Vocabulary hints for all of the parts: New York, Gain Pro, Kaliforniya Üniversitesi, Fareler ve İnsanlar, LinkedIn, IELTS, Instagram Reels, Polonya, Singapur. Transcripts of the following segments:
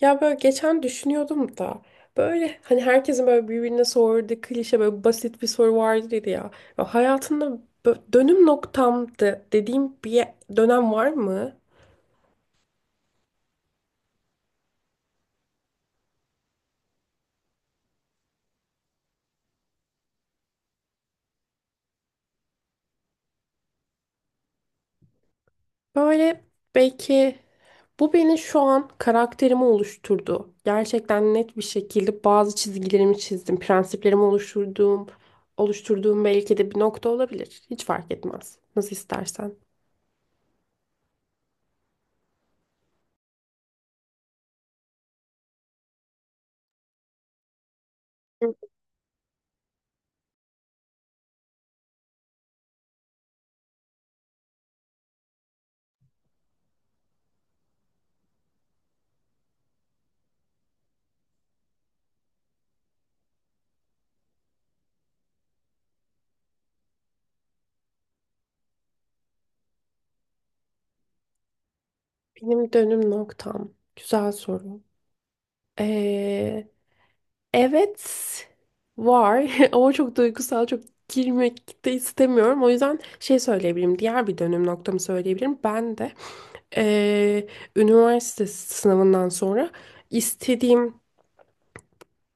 Ya böyle geçen düşünüyordum da böyle hani herkesin böyle birbirine sorduğu klişe böyle basit bir soru vardır ya. Ya hayatında dönüm noktamdı dediğim bir dönem var mı? Böyle belki bu beni şu an karakterimi oluşturdu. Gerçekten net bir şekilde bazı çizgilerimi çizdim, prensiplerimi oluşturduğum, oluşturduğum belki de bir nokta olabilir. Hiç fark etmez. Nasıl istersen. Benim dönüm noktam. Güzel soru. Evet var ama çok duygusal, çok girmek de istemiyorum. O yüzden şey söyleyebilirim, diğer bir dönüm noktamı söyleyebilirim. Ben de eee, üniversite sınavından sonra istediğim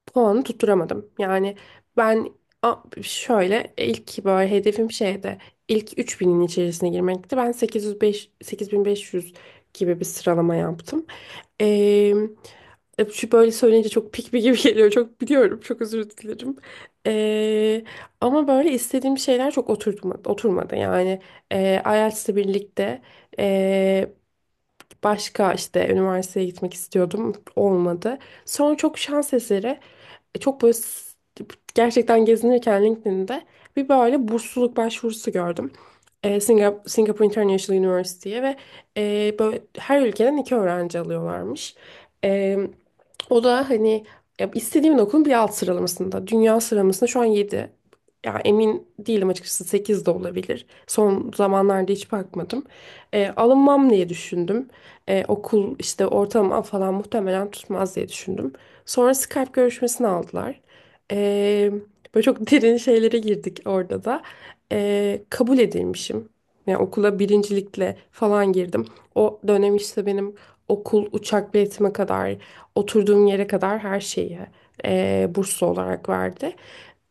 puanı tutturamadım. Yani ben şöyle ilk böyle hedefim şeydi, ilk üç binin içerisine girmekti. Ben 805, 8.500 gibi bir sıralama yaptım. Şu böyle söyleyince çok pikmi gibi geliyor. Çok biliyorum. Çok özür dilerim. Ee, Ama böyle istediğim şeyler çok oturtmadı, oturmadı. Yani IELTS'le birlikte e, başka işte üniversiteye gitmek istiyordum. Olmadı. Sonra çok şans eseri e, Çok böyle s- gerçekten gezinirken LinkedIn'de bir böyle bursluluk başvurusu gördüm. Singapore International University'ye ve böyle her ülkeden iki öğrenci alıyorlarmış. E, O da hani ya istediğimin okulun bir alt sıralamasında. Dünya sıralamasında şu an 7, ya emin değilim açıkçası, 8 de olabilir. Son zamanlarda hiç bakmadım. Alınmam diye düşündüm. Okul işte ortalama falan muhtemelen tutmaz diye düşündüm. Sonra Skype görüşmesini aldılar. Ee, Böyle çok derin şeylere girdik orada da. Kabul edilmişim. Yani okula birincilikle falan girdim. O dönem işte benim okul, uçak biletime kadar, oturduğum yere kadar her şeyi burslu olarak verdi.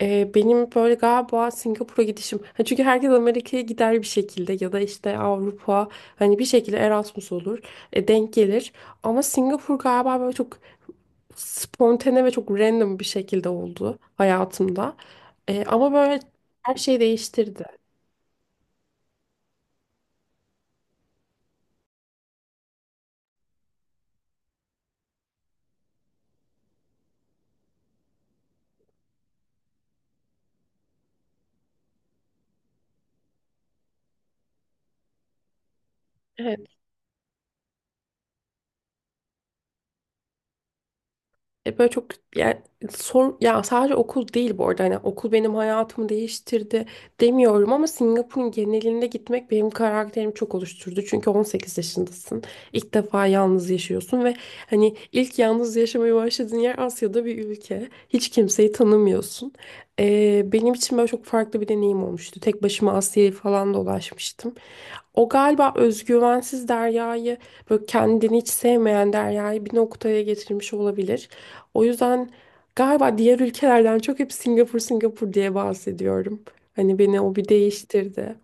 Benim böyle galiba Singapur'a gidişim. Ha, çünkü herkes Amerika'ya gider bir şekilde ya da işte Avrupa, hani bir şekilde Erasmus olur, denk gelir. Ama Singapur galiba böyle çok spontane ve çok random bir şekilde oldu hayatımda. Ama böyle her şeyi değiştirdi. Böyle çok, yani sor ya, sadece okul değil bu arada, hani okul benim hayatımı değiştirdi demiyorum ama Singapur'un genelinde gitmek benim karakterimi çok oluşturdu. Çünkü 18 yaşındasın. İlk defa yalnız yaşıyorsun ve hani ilk yalnız yaşamaya başladığın yer Asya'da bir ülke. Hiç kimseyi tanımıyorsun. Benim için böyle çok farklı bir deneyim olmuştu. Tek başıma Asya'yı falan dolaşmıştım. O galiba özgüvensiz Derya'yı, böyle kendini hiç sevmeyen Derya'yı bir noktaya getirmiş olabilir. O yüzden galiba diğer ülkelerden çok hep Singapur Singapur diye bahsediyorum. Hani beni o bir değiştirdi.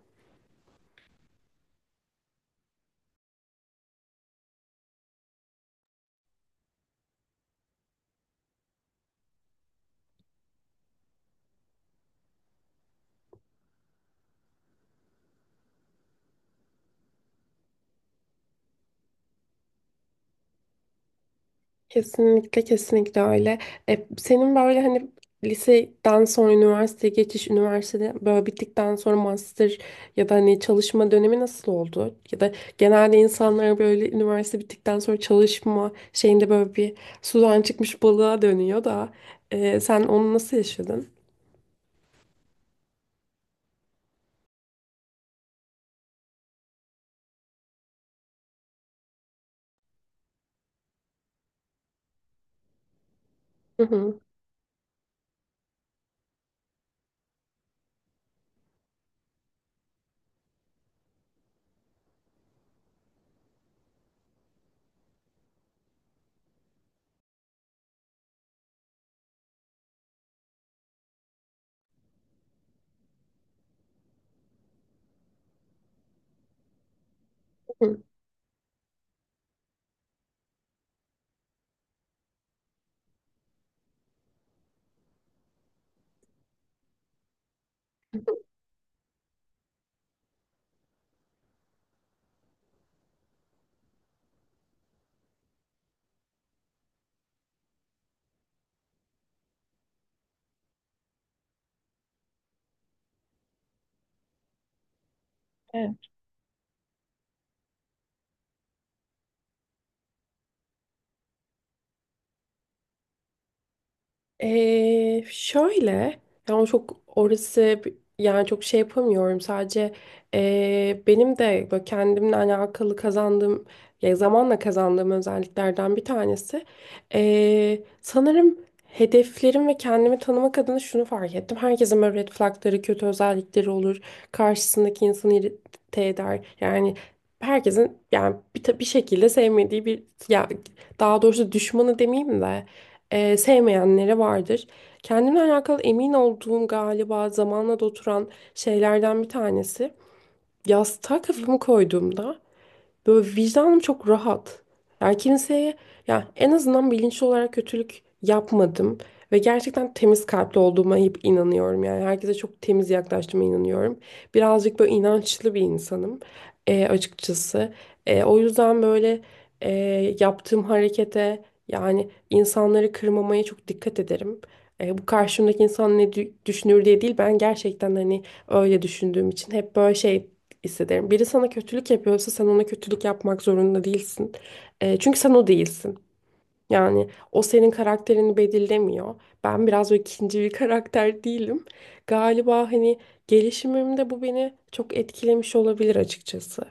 Kesinlikle, kesinlikle öyle. Senin böyle hani liseden sonra üniversiteye geçiş, üniversitede böyle bittikten sonra master ya da hani çalışma dönemi nasıl oldu? Ya da genelde insanlar böyle üniversite bittikten sonra çalışma şeyinde böyle bir sudan çıkmış balığa dönüyor da sen onu nasıl yaşadın? Hı hı. Hı. Hı. Şöyle yani çok orası yani çok şey yapamıyorum, sadece benim de böyle kendimle alakalı kazandığım ya zamanla kazandığım özelliklerden bir tanesi, sanırım hedeflerim ve kendimi tanımak adına şunu fark ettim. Herkesin böyle red flagları, kötü özellikleri olur. Karşısındaki insanı irite eder. Yani herkesin, yani bir, bir şekilde sevmediği bir, ya daha doğrusu düşmanı demeyeyim de sevmeyenlere vardır. Kendimle alakalı emin olduğum, galiba zamanla da oturan şeylerden bir tanesi. Yastığa kafamı koyduğumda böyle vicdanım çok rahat. Yani kimseye, ya en azından bilinçli olarak kötülük yapmadım ve gerçekten temiz kalpli olduğuma hep inanıyorum. Yani herkese çok temiz yaklaştığıma inanıyorum. Birazcık böyle inançlı bir insanım açıkçası. O yüzden böyle e, yaptığım harekete, yani insanları kırmamaya çok dikkat ederim. Bu karşımdaki insan ne düşünür diye değil, ben gerçekten hani öyle düşündüğüm için hep böyle şey hissederim. Biri sana kötülük yapıyorsa sen ona kötülük yapmak zorunda değilsin. Çünkü sen o değilsin. Yani o senin karakterini belirlemiyor. Ben biraz böyle ikinci bir karakter değilim. Galiba hani gelişimimde bu beni çok etkilemiş olabilir açıkçası.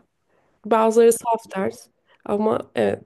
Bazıları saf ders ama evet.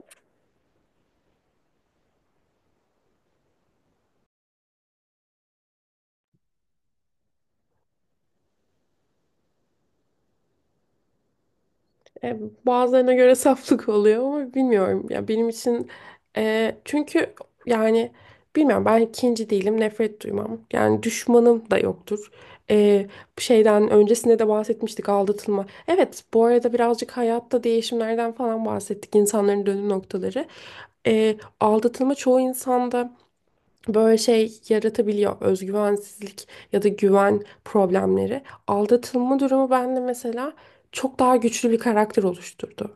E, Bazılarına göre saflık oluyor ama bilmiyorum. Ya benim için, çünkü yani bilmiyorum, ben ikinci değilim, nefret duymam. Yani düşmanım da yoktur. E, Bu şeyden öncesinde de bahsetmiştik, aldatılma. Evet, bu arada birazcık hayatta değişimlerden falan bahsettik, insanların dönüm noktaları. Aldatılma çoğu insanda böyle şey yaratabiliyor. Özgüvensizlik ya da güven problemleri. Aldatılma durumu bende mesela çok daha güçlü bir karakter oluşturdu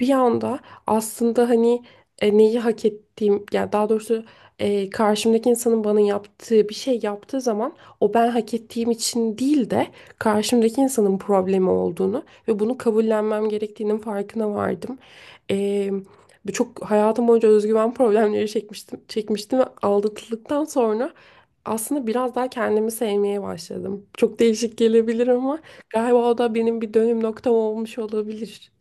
bir anda, aslında hani neyi hak ettiğim, yani daha doğrusu karşımdaki insanın bana yaptığı bir şey yaptığı zaman o ben hak ettiğim için değil de karşımdaki insanın problemi olduğunu ve bunu kabullenmem gerektiğinin farkına vardım. E, Bu, çok hayatım boyunca özgüven problemleri çekmiştim ve aldatıldıktan sonra aslında biraz daha kendimi sevmeye başladım. Çok değişik gelebilir ama galiba o da benim bir dönüm noktam olmuş olabilir.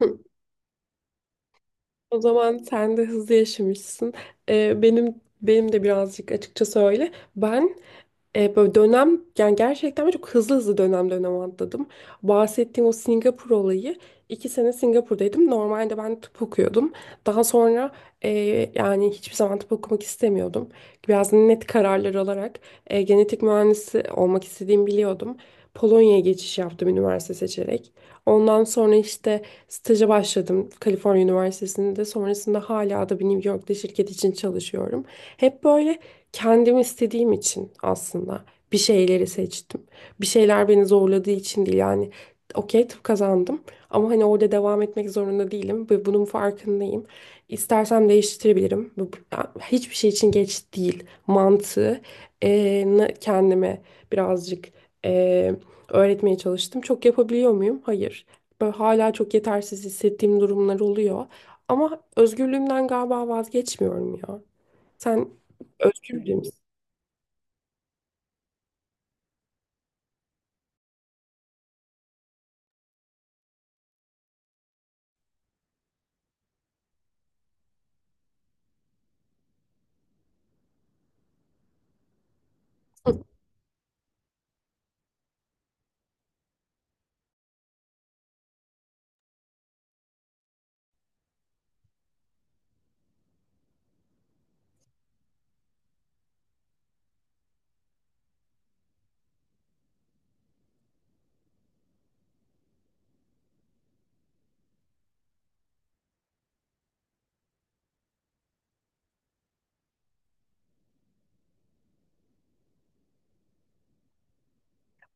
O zaman sen de hızlı yaşamışsın. Ee, benim Benim de birazcık açıkça söyle. Ben böyle dönem, yani gerçekten ben çok hızlı hızlı dönem dönem atladım. Bahsettiğim o Singapur olayı, iki sene Singapur'daydım. Normalde ben tıp okuyordum. Daha sonra e, yani hiçbir zaman tıp okumak istemiyordum. Biraz net kararlar alarak genetik mühendisi olmak istediğimi biliyordum. Polonya'ya geçiş yaptım üniversite seçerek. Ondan sonra işte staja başladım Kaliforniya Üniversitesi'nde. Sonrasında hala da bir New York'ta şirket için çalışıyorum. Hep böyle kendim istediğim için aslında bir şeyleri seçtim. Bir şeyler beni zorladığı için değil yani. Okey, tıp kazandım ama hani orada devam etmek zorunda değilim ve bunun farkındayım. İstersem değiştirebilirim. Hiçbir şey için geç değil mantığı kendime birazcık e, öğretmeye çalıştım. Çok yapabiliyor muyum? Hayır. Böyle hala çok yetersiz hissettiğim durumlar oluyor. Ama özgürlüğümden galiba vazgeçmiyorum ya. Sen özgür biri misin?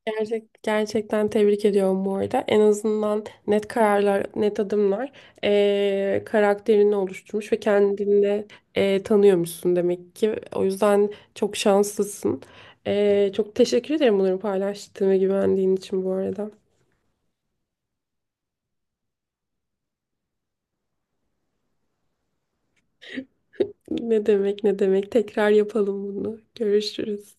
Gerçekten tebrik ediyorum bu arada. En azından net kararlar, net adımlar karakterini oluşturmuş ve kendini tanıyormuşsun demek ki. O yüzden çok şanslısın. Çok teşekkür ederim bunları paylaştığın ve güvendiğin için bu arada. Ne demek, ne demek. Tekrar yapalım bunu. Görüşürüz.